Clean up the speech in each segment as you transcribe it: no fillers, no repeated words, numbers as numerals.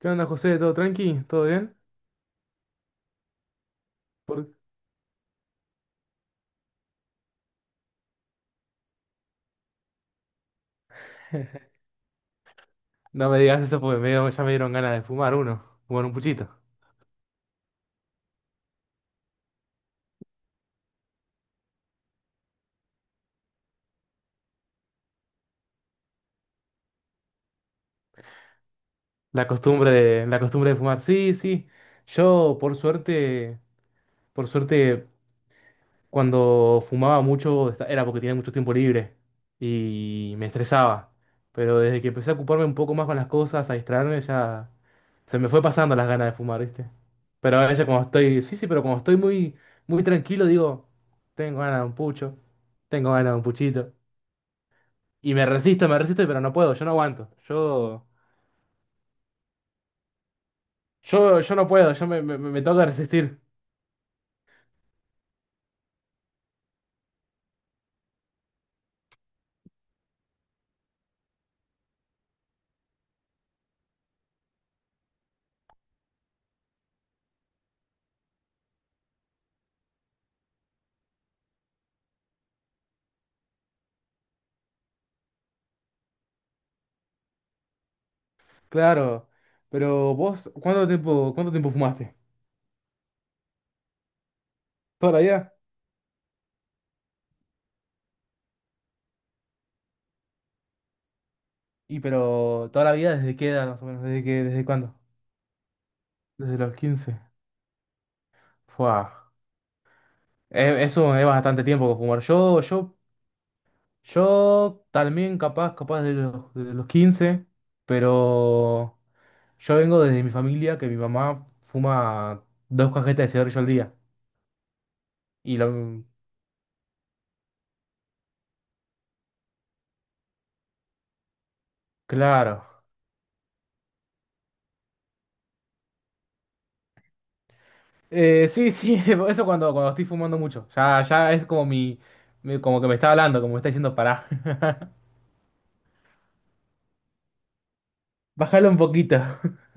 ¿Qué onda, José? ¿Todo tranqui? ¿Todo bien? Por- No me digas eso porque me ya me dieron ganas de fumar uno, fumar un puchito. La costumbre de fumar. Sí, sí. Yo, por suerte, por suerte, cuando fumaba mucho era porque tenía mucho tiempo libre y me estresaba. Pero desde que empecé a ocuparme un poco más con las cosas, a distraerme, ya se me fue pasando las ganas de fumar, ¿viste? Pero a veces cuando estoy, sí, sí, pero cuando estoy muy tranquilo, digo, tengo ganas de un pucho, tengo ganas de un puchito. Y me resisto, pero no puedo, yo no aguanto. Yo no puedo, yo me toca resistir. Claro. Pero vos, ¿cuánto tiempo fumaste? ¿Toda la vida? Y pero, ¿toda la vida desde qué edad más o menos? ¿Desde cuándo? Desde los quince. Fua. Eso es bastante tiempo que fumar. Yo también capaz, capaz de los quince, pero yo vengo desde mi familia, que mi mamá fuma dos cajetas de cigarrillo al día. Y lo, claro. Sí, sí, eso cuando, cuando estoy fumando mucho. Ya, ya es como mi, como que me está hablando, como me está diciendo pará. Bájalo un poquito.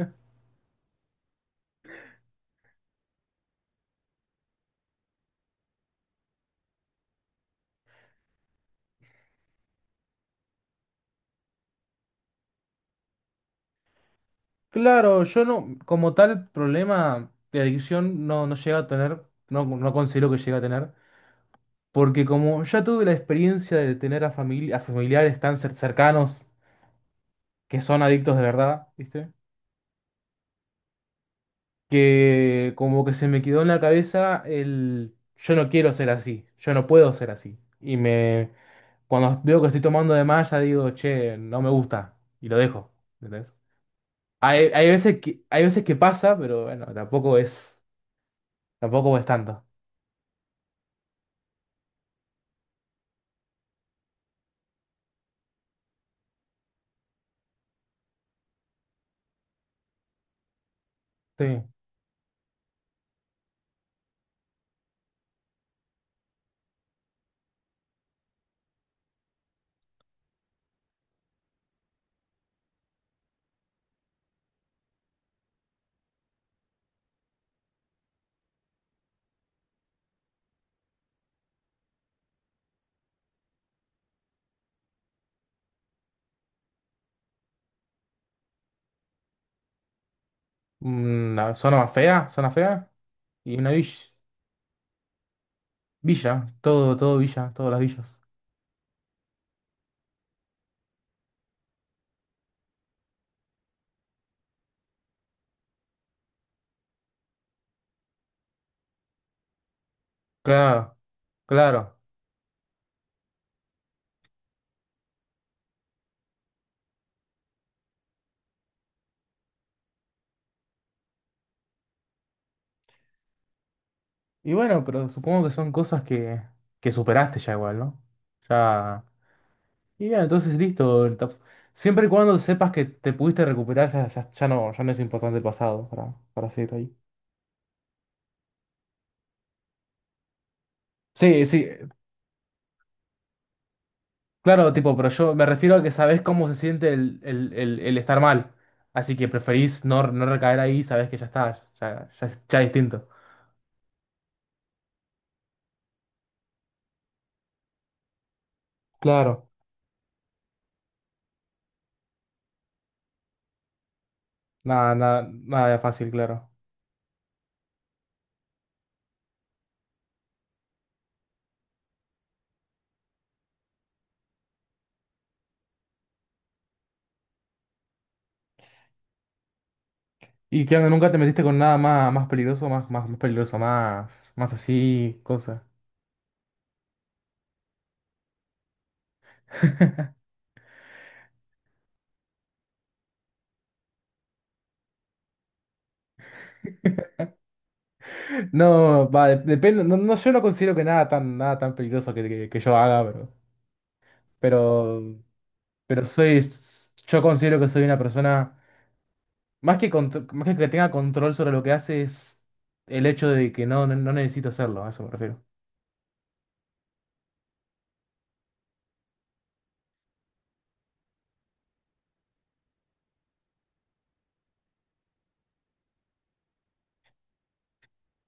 Claro, yo no, como tal problema de adicción no, no llegué a tener, no, no considero que llegué a tener, porque como ya tuve la experiencia de tener a familiares tan cercanos que son adictos de verdad, ¿viste? Que como que se me quedó en la cabeza el yo no quiero ser así, yo no puedo ser así. Cuando veo que estoy tomando de más, ya digo, che, no me gusta. Y lo dejo. ¿Entendés? Hay, hay veces que pasa, pero bueno, tampoco es, tampoco es tanto. Sí. Una zona más fea, zona fea. Y una villa. Villa, todo, todo villa, todas las villas. Claro, claro. Y bueno, pero supongo que son cosas que superaste ya igual, ¿no? Ya. Y ya, entonces listo. Siempre y cuando sepas que te pudiste recuperar, ya, ya, ya no, ya no es importante el pasado para seguir ahí. Sí, sí, claro, tipo, pero yo me refiero a que sabés cómo se siente el estar mal. Así que preferís no, no recaer ahí, sabés que ya está, ya, ya, ya es distinto. Claro, nada, nada, nada de fácil, claro. ¿Y qué onda? ¿Nunca te metiste con nada más, más peligroso, más peligroso, más, más así, cosa? No, va, depende, no, no, yo no considero que nada tan, nada tan peligroso que yo haga, pero, pero, pero soy, yo considero que soy una persona. Más que, más que tenga control sobre lo que hace es el hecho de que no, no, no necesito hacerlo, a eso me refiero.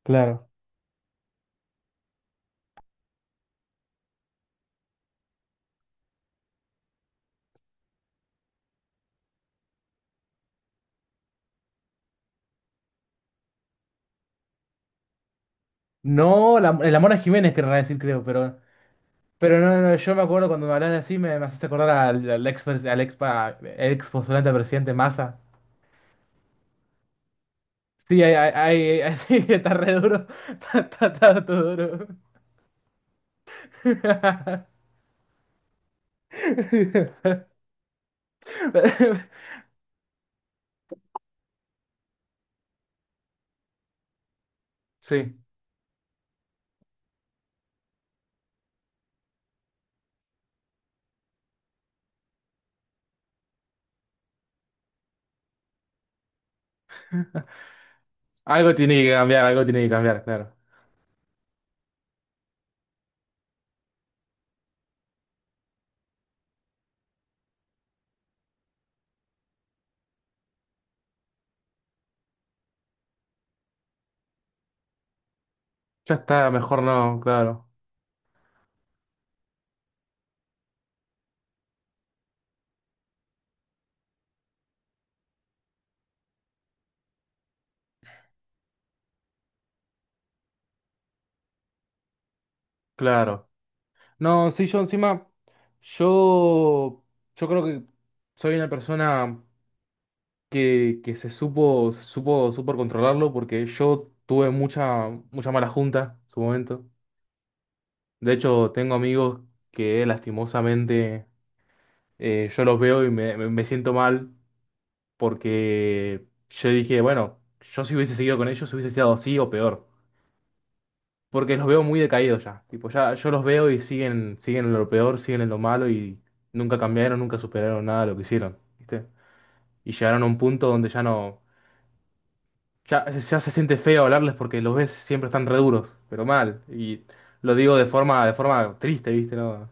Claro. No, la, la Mona Jiménez querrá decir, creo, pero no, no, yo me acuerdo cuando me hablas así, me haces acordar al, al ex, al ex, ex postulante a presidente Massa. Sí, ahí, ahí, sí, está re duro. Está, está todo duro. Sí, algo tiene que cambiar, algo tiene que cambiar, claro. Ya está, mejor no, claro, claro. No, sí, yo encima, yo, yo creo que soy una persona que se supo, supo controlarlo porque yo tuve mucha, mucha mala junta en su momento. De hecho, tengo amigos que lastimosamente yo los veo y me, me siento mal porque yo dije, bueno, yo si hubiese seguido con ellos hubiese sido así o peor. Porque los veo muy decaídos ya. Tipo, ya yo los veo y siguen, siguen en lo peor, siguen en lo malo y nunca cambiaron, nunca superaron nada de lo que hicieron, ¿viste? Y llegaron a un punto donde ya no. Ya se siente feo hablarles porque los ves siempre están re duros, pero mal. Y lo digo de forma triste, ¿viste? ¿No?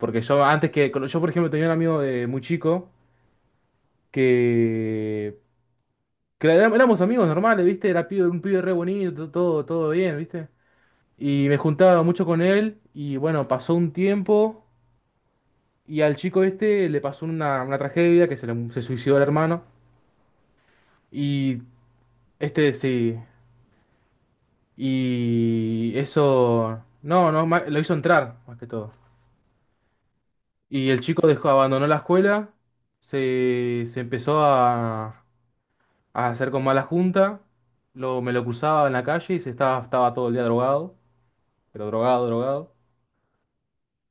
Porque yo antes que. Yo, por ejemplo, tenía un amigo de muy chico que. Que éramos amigos normales, ¿viste? Era un pibe re bonito, todo, todo bien, ¿viste? Y me juntaba mucho con él y bueno, pasó un tiempo. Y al chico este le pasó una tragedia que se, se suicidó el hermano. Y este sí. Y eso. No, no, lo hizo entrar, más que todo. Y el chico dejó, abandonó la escuela. Se empezó a hacer con mala junta. Lo, me lo cruzaba en la calle y se estaba, estaba todo el día drogado. Pero drogado, drogado.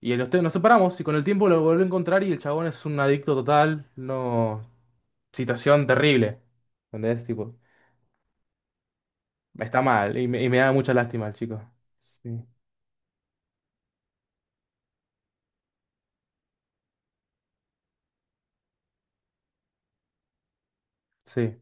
Y en los nos separamos y con el tiempo lo volví a encontrar y el chabón es un adicto total. No. Situación terrible. ¿Entendés? Tipo. Está mal y me da mucha lástima el chico. Sí, sí.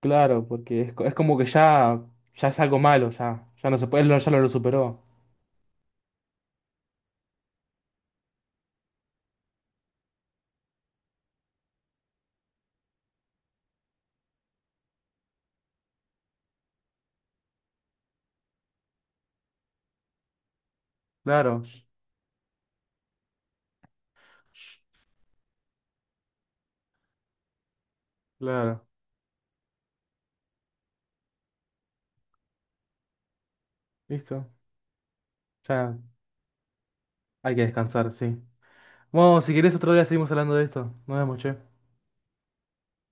Claro, porque es, es como que ya, ya es algo malo, ya. Ya no se puede, él no- ya no lo superó. Claro, claro. Listo. Ya hay que descansar, sí. Bueno, si querés otro día seguimos hablando de esto. Nos vemos, che.